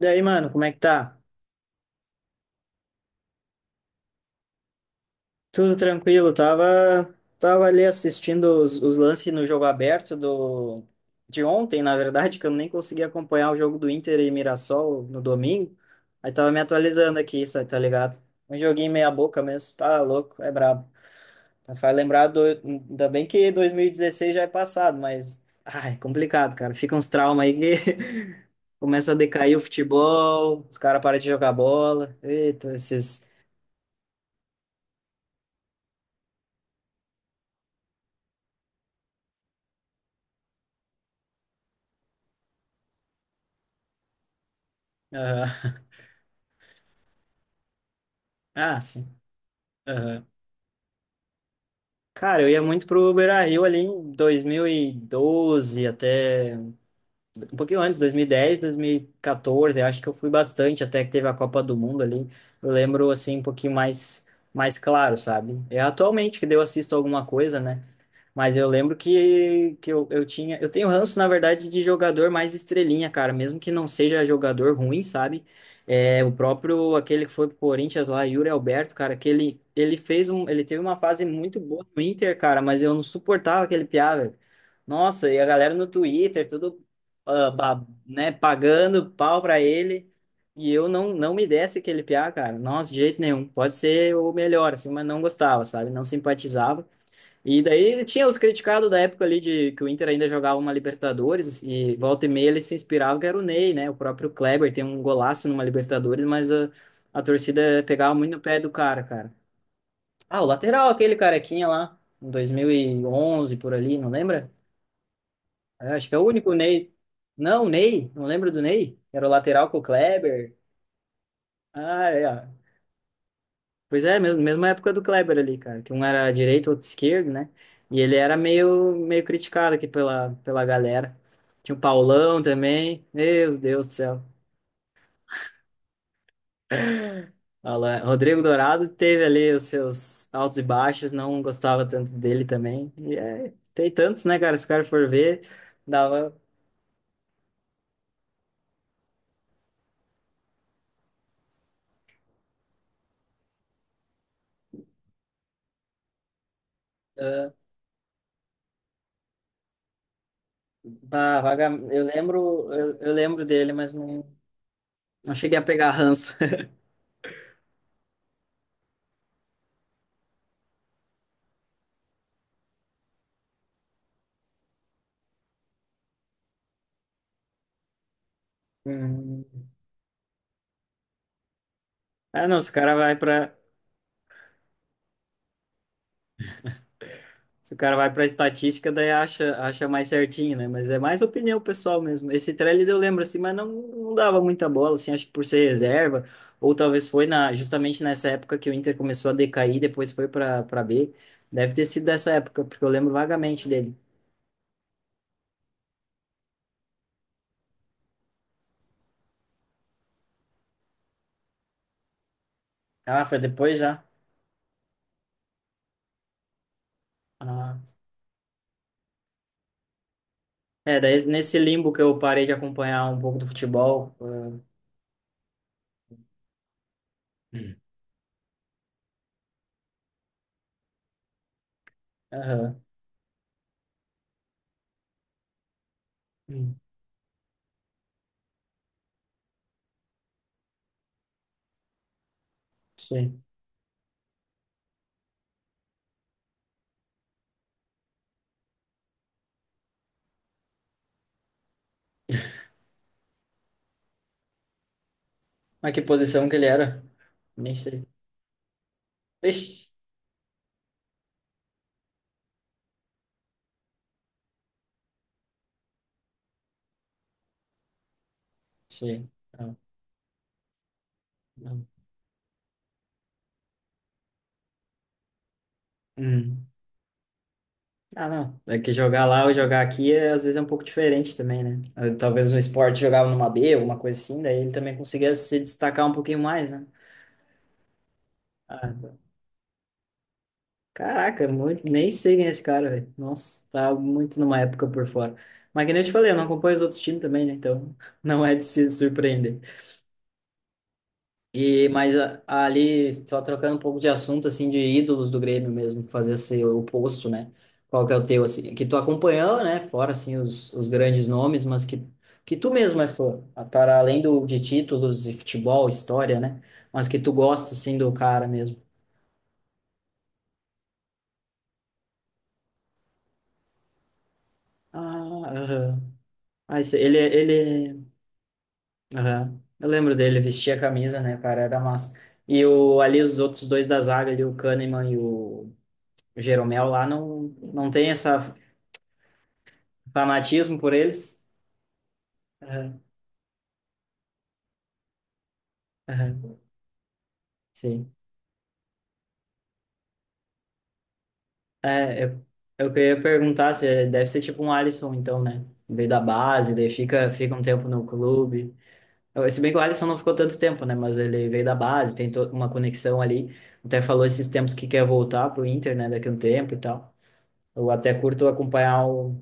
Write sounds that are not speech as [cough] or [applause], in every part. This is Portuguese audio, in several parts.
Daí, mano, como é que tá? Tudo tranquilo, tava ali assistindo os lances no jogo aberto de ontem, na verdade, que eu nem consegui acompanhar o jogo do Inter e Mirassol no domingo. Aí tava me atualizando aqui, sabe, tá ligado? Um joguinho meia boca mesmo, tá louco, é brabo. Tá. Faz ainda bem que 2016 já é passado, mas, ai, complicado, cara, fica uns traumas aí que [laughs] começa a decair o futebol, os caras param de jogar bola, eita, esses... Aham. Ah, sim. Aham. Cara, eu ia muito pro Beira-Rio ali em 2012 até um pouquinho antes, 2010, 2014, acho que eu fui bastante até que teve a Copa do Mundo ali. Eu lembro assim um pouquinho mais claro, sabe? É atualmente que daí eu assisto alguma coisa, né? Mas eu lembro que eu tinha. Eu tenho ranço, na verdade, de jogador mais estrelinha, cara. Mesmo que não seja jogador ruim, sabe? É, o próprio, aquele que foi pro Corinthians lá, Yuri Alberto, cara, que ele fez um. Ele teve uma fase muito boa no Inter, cara, mas eu não suportava aquele piá, velho. Nossa, e a galera no Twitter, tudo, né, pagando pau pra ele. E eu não me desse aquele piá, cara. Nossa, de jeito nenhum. Pode ser o melhor, assim, mas não gostava, sabe? Não simpatizava. E daí tinha os criticados da época ali de que o Inter ainda jogava uma Libertadores e volta e meia ele se inspirava, que era o Ney, né? O próprio Kleber tem um golaço numa Libertadores, mas a torcida pegava muito no pé do cara, cara. Ah, o lateral, aquele carequinha lá, em 2011 por ali, não lembra? É, acho que é o único Ney. Não, o Ney, não lembro do Ney. Era o lateral com o Kleber. Ah, é, ó. Pois é, mesmo, mesma época do Kleber ali, cara, que um era direito, outro esquerdo, né? E ele era meio criticado aqui pela galera. Tinha o Paulão também, meu Deus do céu. Olha lá, Rodrigo Dourado teve ali os seus altos e baixos, não gostava tanto dele também. E é, tem tantos, né, cara? Se o cara for ver, dava. ah, Bah, vaga, eu lembro, eu lembro dele, mas não, não cheguei a pegar ranço. [laughs] Hum. Ah, não, se o cara vai para se o cara vai para a estatística, daí acha mais certinho, né? Mas é mais opinião pessoal mesmo. Esse Trellis eu lembro assim, mas não, não dava muita bola, assim, acho que por ser reserva, ou talvez foi justamente nessa época que o Inter começou a decair, depois foi para B. Deve ter sido dessa época, porque eu lembro vagamente dele. Ah, foi depois já? Ah. É, daí nesse limbo que eu parei de acompanhar um pouco do futebol. Hum. Aham. Hum. Sei. Mas que posição que ele era? Nem sei. Ixi, sei. Não, não. Hum. Ah, não. É que jogar lá ou jogar aqui é, às vezes é um pouco diferente também, né? Talvez um esporte jogava numa B, uma coisa assim, daí ele também conseguia se destacar um pouquinho mais, né? Ah, caraca, muito, nem sei quem é esse cara, velho. Nossa, tá muito numa época por fora. Mas que nem eu te falei, eu não acompanho os outros times também, né? Então [laughs] não é de se surpreender. E, ali, só trocando um pouco de assunto, assim, de ídolos do Grêmio mesmo, fazer esse oposto, né? Qual que é o teu, assim, que tu acompanhou, né? Fora, assim, os grandes nomes, que tu mesmo é fã, para além do, de títulos e futebol, história, né? Mas que tu gosta, assim, do cara mesmo. Ah, aham. Ah, esse- ele, ele, aham. Eu lembro dele, vestia a camisa, né, cara, era massa. E o, ali os outros dois da zaga, ali, o Kahneman e o Jeromel lá, não, não tem essa. Fanatismo por eles? Aham, aham, sim. É, eu, eu queria perguntar se deve ser tipo um Alisson, então, né? Veio da base, daí fica um tempo no clube. Se bem que o Alisson não ficou tanto tempo, né? Mas ele veio da base, tem toda uma conexão ali. Até falou esses tempos que quer voltar pro Inter, né? Daqui a um tempo e tal. Eu até curto acompanhar o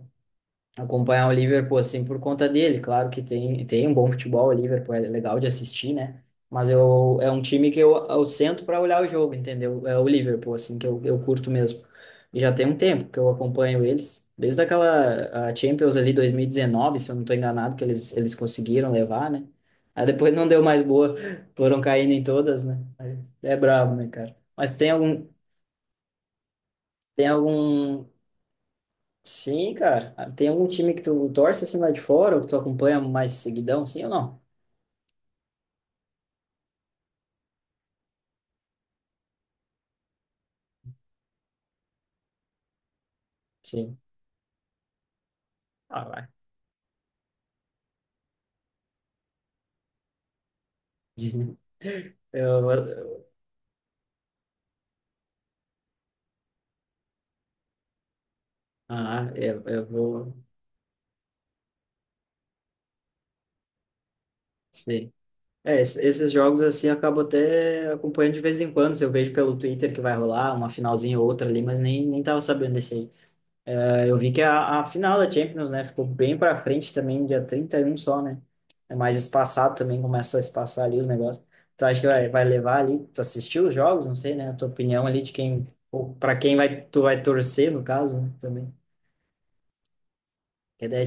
acompanhar o Liverpool assim por conta dele. Claro que tem um bom futebol, o Liverpool é legal de assistir, né? Mas eu, é um time que eu sento para olhar o jogo, entendeu? É o Liverpool, assim, que eu curto mesmo. E já tem um tempo que eu acompanho eles, desde aquela a Champions ali 2019, se eu não estou enganado, que eles conseguiram levar, né? Aí depois não deu mais boa, foram caindo em todas, né? É brabo, né, cara? Mas tem algum... Sim, cara. Ah, tem algum time que tu torce assim lá de fora, ou que tu acompanha mais seguidão, sim ou não? Sim. Ah, vai. [laughs] Eu, vou- eu- ah, eu vou. Sim. É, esses jogos assim eu acabo até acompanhando de vez em quando. Se eu vejo pelo Twitter que vai rolar uma finalzinha ou outra ali, mas nem tava sabendo desse aí. Eu vi que a final da Champions, né, ficou bem para frente também, dia 31 só, né? É mais espaçado também, começa a espaçar ali os negócios. Tu acha que vai levar ali? Tu assistiu os jogos? Não sei, né? A tua opinião ali de quem, ou para quem vai, tu vai torcer, no caso, né, também. Que daí é...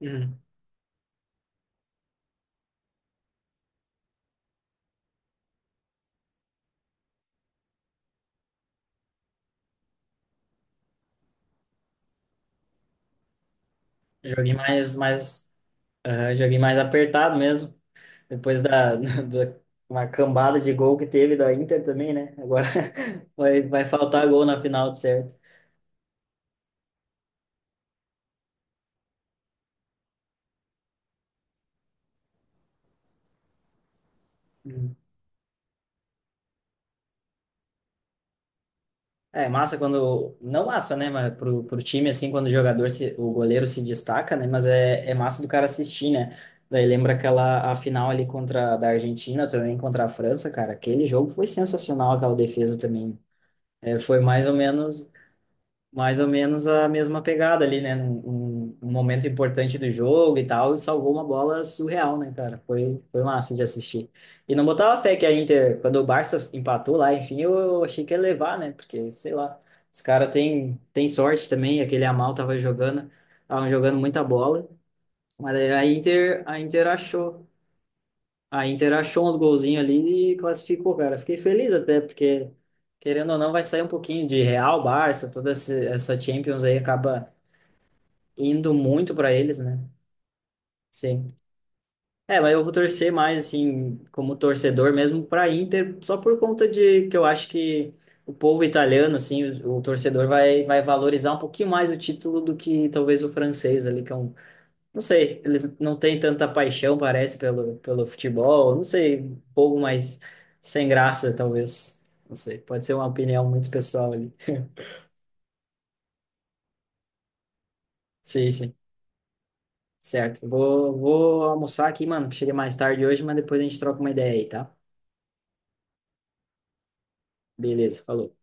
Uhum. Joguei mais, mais, aham, joguei mais apertado mesmo. Depois da, [laughs] da uma cambada de gol que teve da Inter também, né? Agora [laughs] vai faltar gol na final, de certo. É massa quando. Não massa, né? Mas pro time, assim, quando o jogador, se, o goleiro se destaca, né? Mas é, é massa do cara assistir, né? Daí lembra aquela a final ali contra da Argentina também, contra a França, cara. Aquele jogo foi sensacional, aquela defesa também. É, foi mais ou menos a mesma pegada ali, né? Um momento importante do jogo e tal, e salvou uma bola surreal, né, cara? Foi massa de assistir. E não botava fé que a Inter, quando o Barça empatou lá, enfim, eu achei que ia levar, né? Porque, sei lá, os caras têm tem sorte também, aquele Amal tava jogando, estavam jogando muita bola, mas aí a Inter achou. A Inter achou uns golzinhos ali e classificou, cara. Fiquei feliz até, porque, querendo ou não, vai sair um pouquinho de Real, Barça, essa Champions aí acaba indo muito para eles, né? Sim. É, mas eu vou torcer mais, assim, como torcedor mesmo para Inter, só por conta de que eu acho que o povo italiano, assim, o torcedor vai valorizar um pouquinho mais o título do que talvez o francês ali, que é um... não sei, eles não têm tanta paixão, parece, pelo futebol. Não sei, um pouco mais sem graça, talvez. Não sei, pode ser uma opinião muito pessoal ali. Sim, sim, certo. Vou almoçar aqui, mano, que cheguei mais tarde hoje, mas depois a gente troca uma ideia aí, tá? Beleza, falou.